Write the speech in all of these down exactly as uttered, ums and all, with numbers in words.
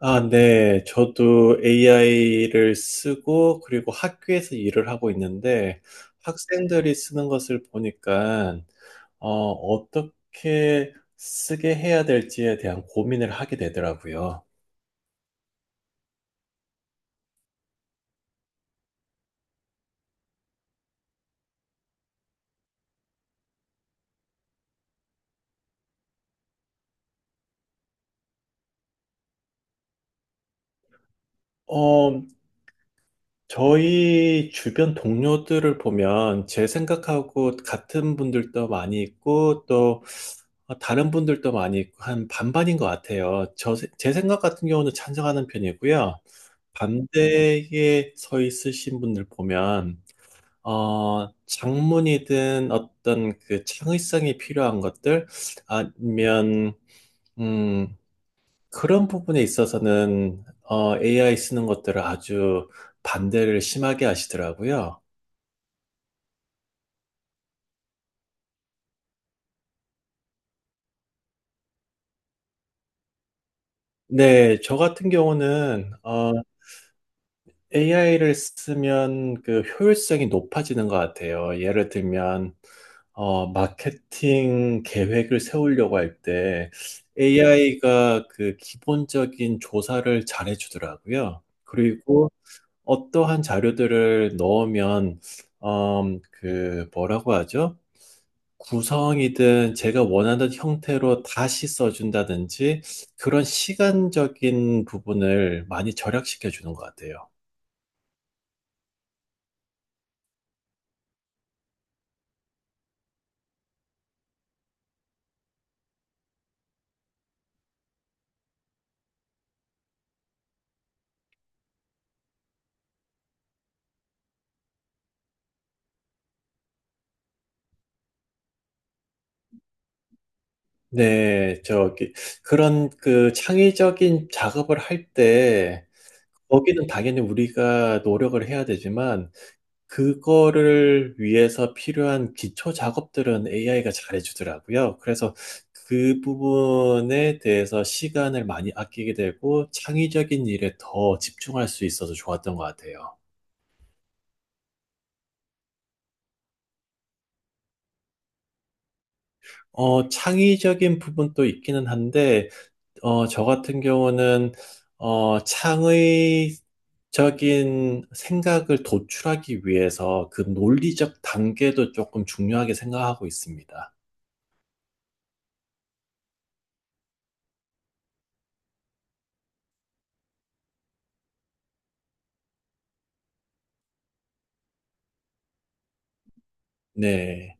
아, 네. 저도 에이아이를 쓰고, 그리고 학교에서 일을 하고 있는데, 학생들이 쓰는 것을 보니까, 어, 어떻게 쓰게 해야 될지에 대한 고민을 하게 되더라고요. 어, 저희 주변 동료들을 보면 제 생각하고 같은 분들도 많이 있고 또 다른 분들도 많이 있고 한 반반인 것 같아요. 저, 제 생각 같은 경우는 찬성하는 편이고요. 반대에 서 있으신 분들 보면 어, 장문이든 어떤 그 창의성이 필요한 것들 아니면 음, 그런 부분에 있어서는 어, 에이아이 쓰는 것들을 아주 반대를 심하게 하시더라고요. 네, 저 같은 경우는 에이아이를 쓰면 그 효율성이 높아지는 것 같아요. 예를 들면 어, 마케팅 계획을 세우려고 할 때 에이아이가 그 기본적인 조사를 잘해주더라고요. 그리고 어떠한 자료들을 넣으면 음, 그 뭐라고 하죠? 구성이든 제가 원하는 형태로 다시 써준다든지 그런 시간적인 부분을 많이 절약시켜 주는 것 같아요. 네, 저기 그런 그 창의적인 작업을 할 때 거기는 당연히 우리가 노력을 해야 되지만 그거를 위해서 필요한 기초 작업들은 에이아이가 잘해주더라고요. 그래서 그 부분에 대해서 시간을 많이 아끼게 되고 창의적인 일에 더 집중할 수 있어서 좋았던 것 같아요. 어, 창의적인 부분도 있기는 한데, 어, 저 같은 경우는, 어, 창의적인 생각을 도출하기 위해서 그 논리적 단계도 조금 중요하게 생각하고 있습니다. 네.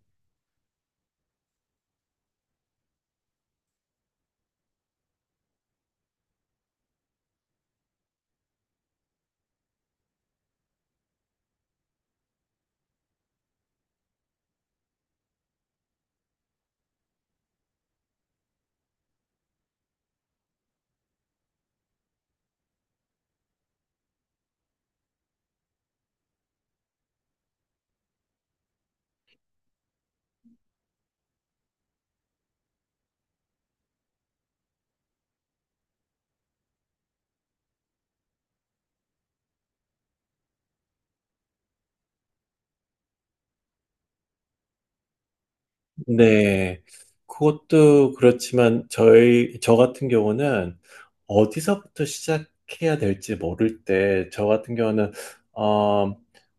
네, 그것도 그렇지만 저희 저 같은 경우는 어디서부터 시작해야 될지 모를 때 저 같은 경우는 어,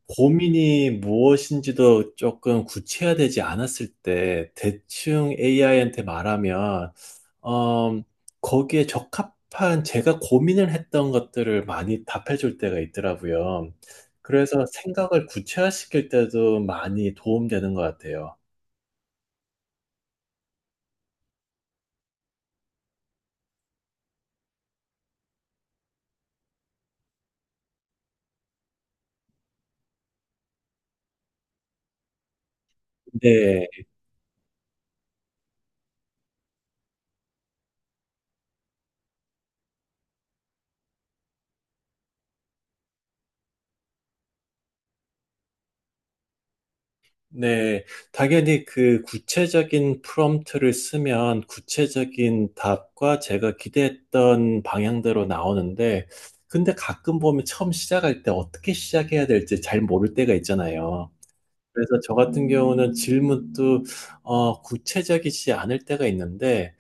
고민이 무엇인지도 조금 구체화되지 않았을 때 대충 에이아이한테 말하면 어, 거기에 적합한 제가 고민을 했던 것들을 많이 답해줄 때가 있더라고요. 그래서 생각을 구체화시킬 때도 많이 도움되는 것 같아요. 네. 네, 당연히 그 구체적인 프롬프트를 쓰면 구체적인 답과 제가 기대했던 방향대로 나오는데, 근데 가끔 보면 처음 시작할 때 어떻게 시작해야 될지 잘 모를 때가 있잖아요. 그래서 저 같은 경우는 질문도 어, 구체적이지 않을 때가 있는데,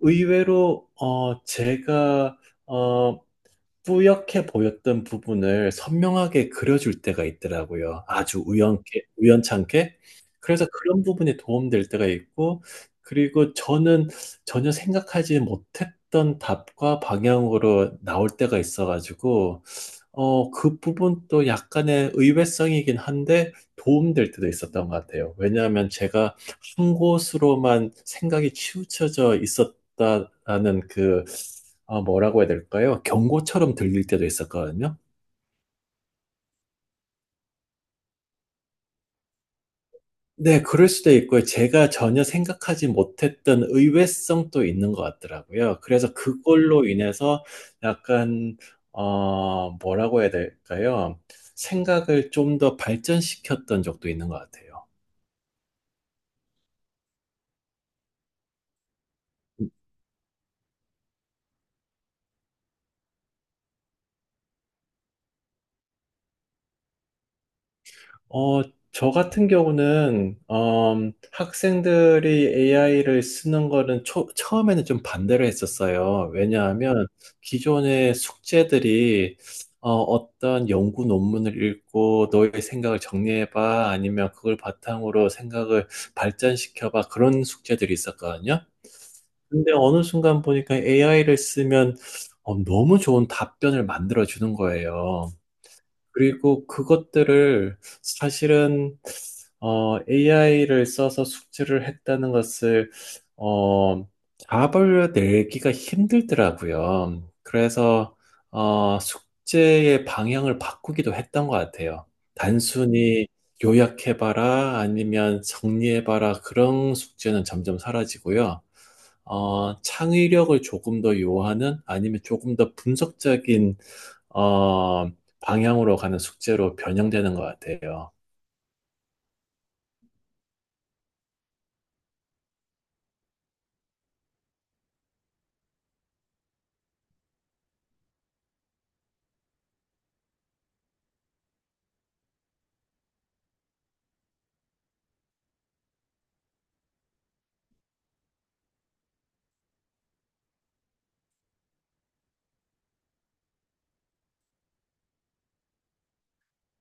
의외로 어, 제가 어, 뿌옇게 보였던 부분을 선명하게 그려줄 때가 있더라고요. 아주 우연케, 우연찮게. 그래서 그런 부분이 도움될 때가 있고, 그리고 저는 전혀 생각하지 못했던 답과 방향으로 나올 때가 있어가지고, 어, 그 부분도 약간의 의외성이긴 한데 도움될 때도 있었던 것 같아요. 왜냐하면 제가 한 곳으로만 생각이 치우쳐져 있었다라는 그, 아, 뭐라고 해야 될까요? 경고처럼 들릴 때도 있었거든요. 네, 그럴 수도 있고요. 제가 전혀 생각하지 못했던 의외성도 있는 것 같더라고요. 그래서 그걸로 인해서 약간, 어, 뭐라고 해야 될까요? 생각을 좀 더 발전시켰던 적도 있는 것 같아요. 어, 저 같은 경우는 음, 학생들이 에이아이를 쓰는 거는 초, 처음에는 좀 반대를 했었어요. 왜냐하면 기존의 숙제들이 어, 어떤 연구 논문을 읽고 너의 생각을 정리해봐 아니면 그걸 바탕으로 생각을 발전시켜봐 그런 숙제들이 있었거든요. 근데 어느 순간 보니까 에이아이를 쓰면 어, 너무 좋은 답변을 만들어주는 거예요. 그리고 그것들을 사실은 에이아이를 써서 숙제를 했다는 것을 어, 잡아내기가 힘들더라고요. 그래서 어, 숙제의 방향을 바꾸기도 했던 것 같아요. 단순히 요약해봐라 아니면 정리해봐라 그런 숙제는 점점 사라지고요. 어, 창의력을 조금 더 요하는 아니면 조금 더 분석적인 어, 방향으로 가는 숙제로 변형되는 것 같아요.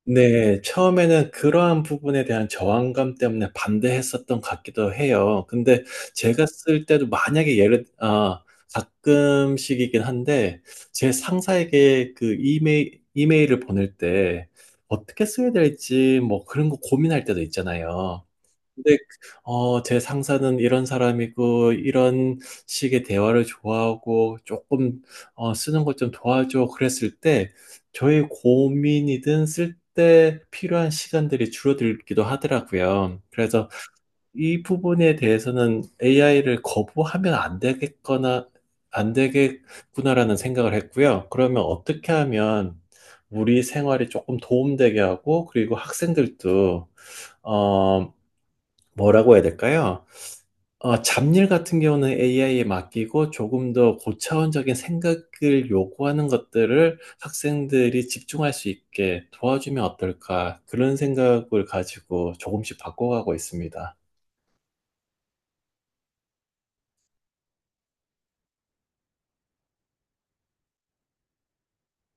네, 처음에는 그러한 부분에 대한 저항감 때문에 반대했었던 것 같기도 해요. 근데 제가 쓸 때도 만약에 예를, 아, 가끔씩이긴 한데, 제 상사에게 그 이메일, 이메일을 보낼 때 어떻게 써야 될지 뭐 그런 거 고민할 때도 있잖아요. 근데 어, 제 상사는 이런 사람이고 이런 식의 대화를 좋아하고 조금 어, 쓰는 것 좀 도와줘 그랬을 때 저의 고민이든 쓸 때 필요한 시간들이 줄어들기도 하더라고요. 그래서 이 부분에 대해서는 에이아이를 거부하면 안 되겠거나 안 되겠구나라는 생각을 했고요. 그러면 어떻게 하면 우리 생활이 조금 도움되게 하고 그리고 학생들도 어, 뭐라고 해야 될까요? 어 잡일 같은 경우는 에이아이에 맡기고 조금 더 고차원적인 생각을 요구하는 것들을 학생들이 집중할 수 있게 도와주면 어떨까? 그런 생각을 가지고 조금씩 바꿔가고 있습니다.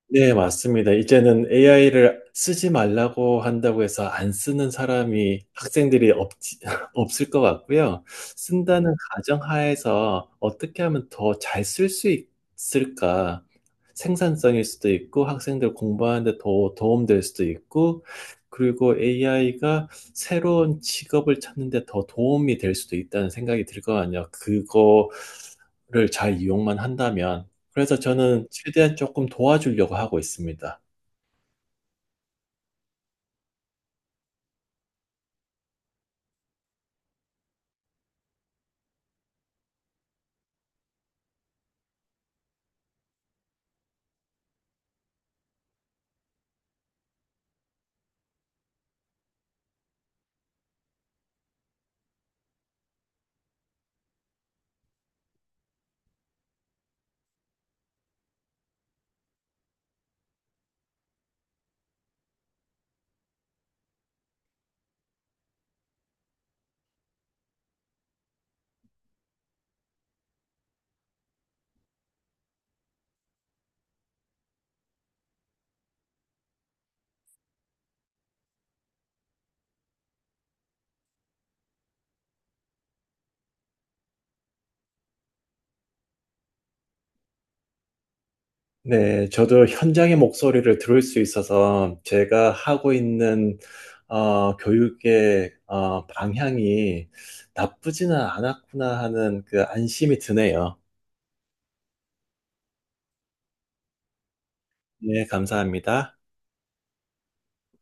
네, 맞습니다. 이제는 에이아이를 쓰지 말라고 한다고 해서 안 쓰는 사람이 학생들이 없, 없을 것 같고요. 쓴다는 가정하에서 어떻게 하면 더 잘 쓸 수 있을까? 생산성일 수도 있고 학생들 공부하는데 더 도움될 수도 있고 그리고 에이아이가 새로운 직업을 찾는데 더 도움이 될 수도 있다는 생각이 들 거 아니에요. 그거를 잘 이용만 한다면. 그래서 저는 최대한 조금 도와주려고 하고 있습니다. 네, 저도 현장의 목소리를 들을 수 있어서 제가 하고 있는 어, 교육의 어, 방향이 나쁘지는 않았구나 하는 그 안심이 드네요. 네, 감사합니다.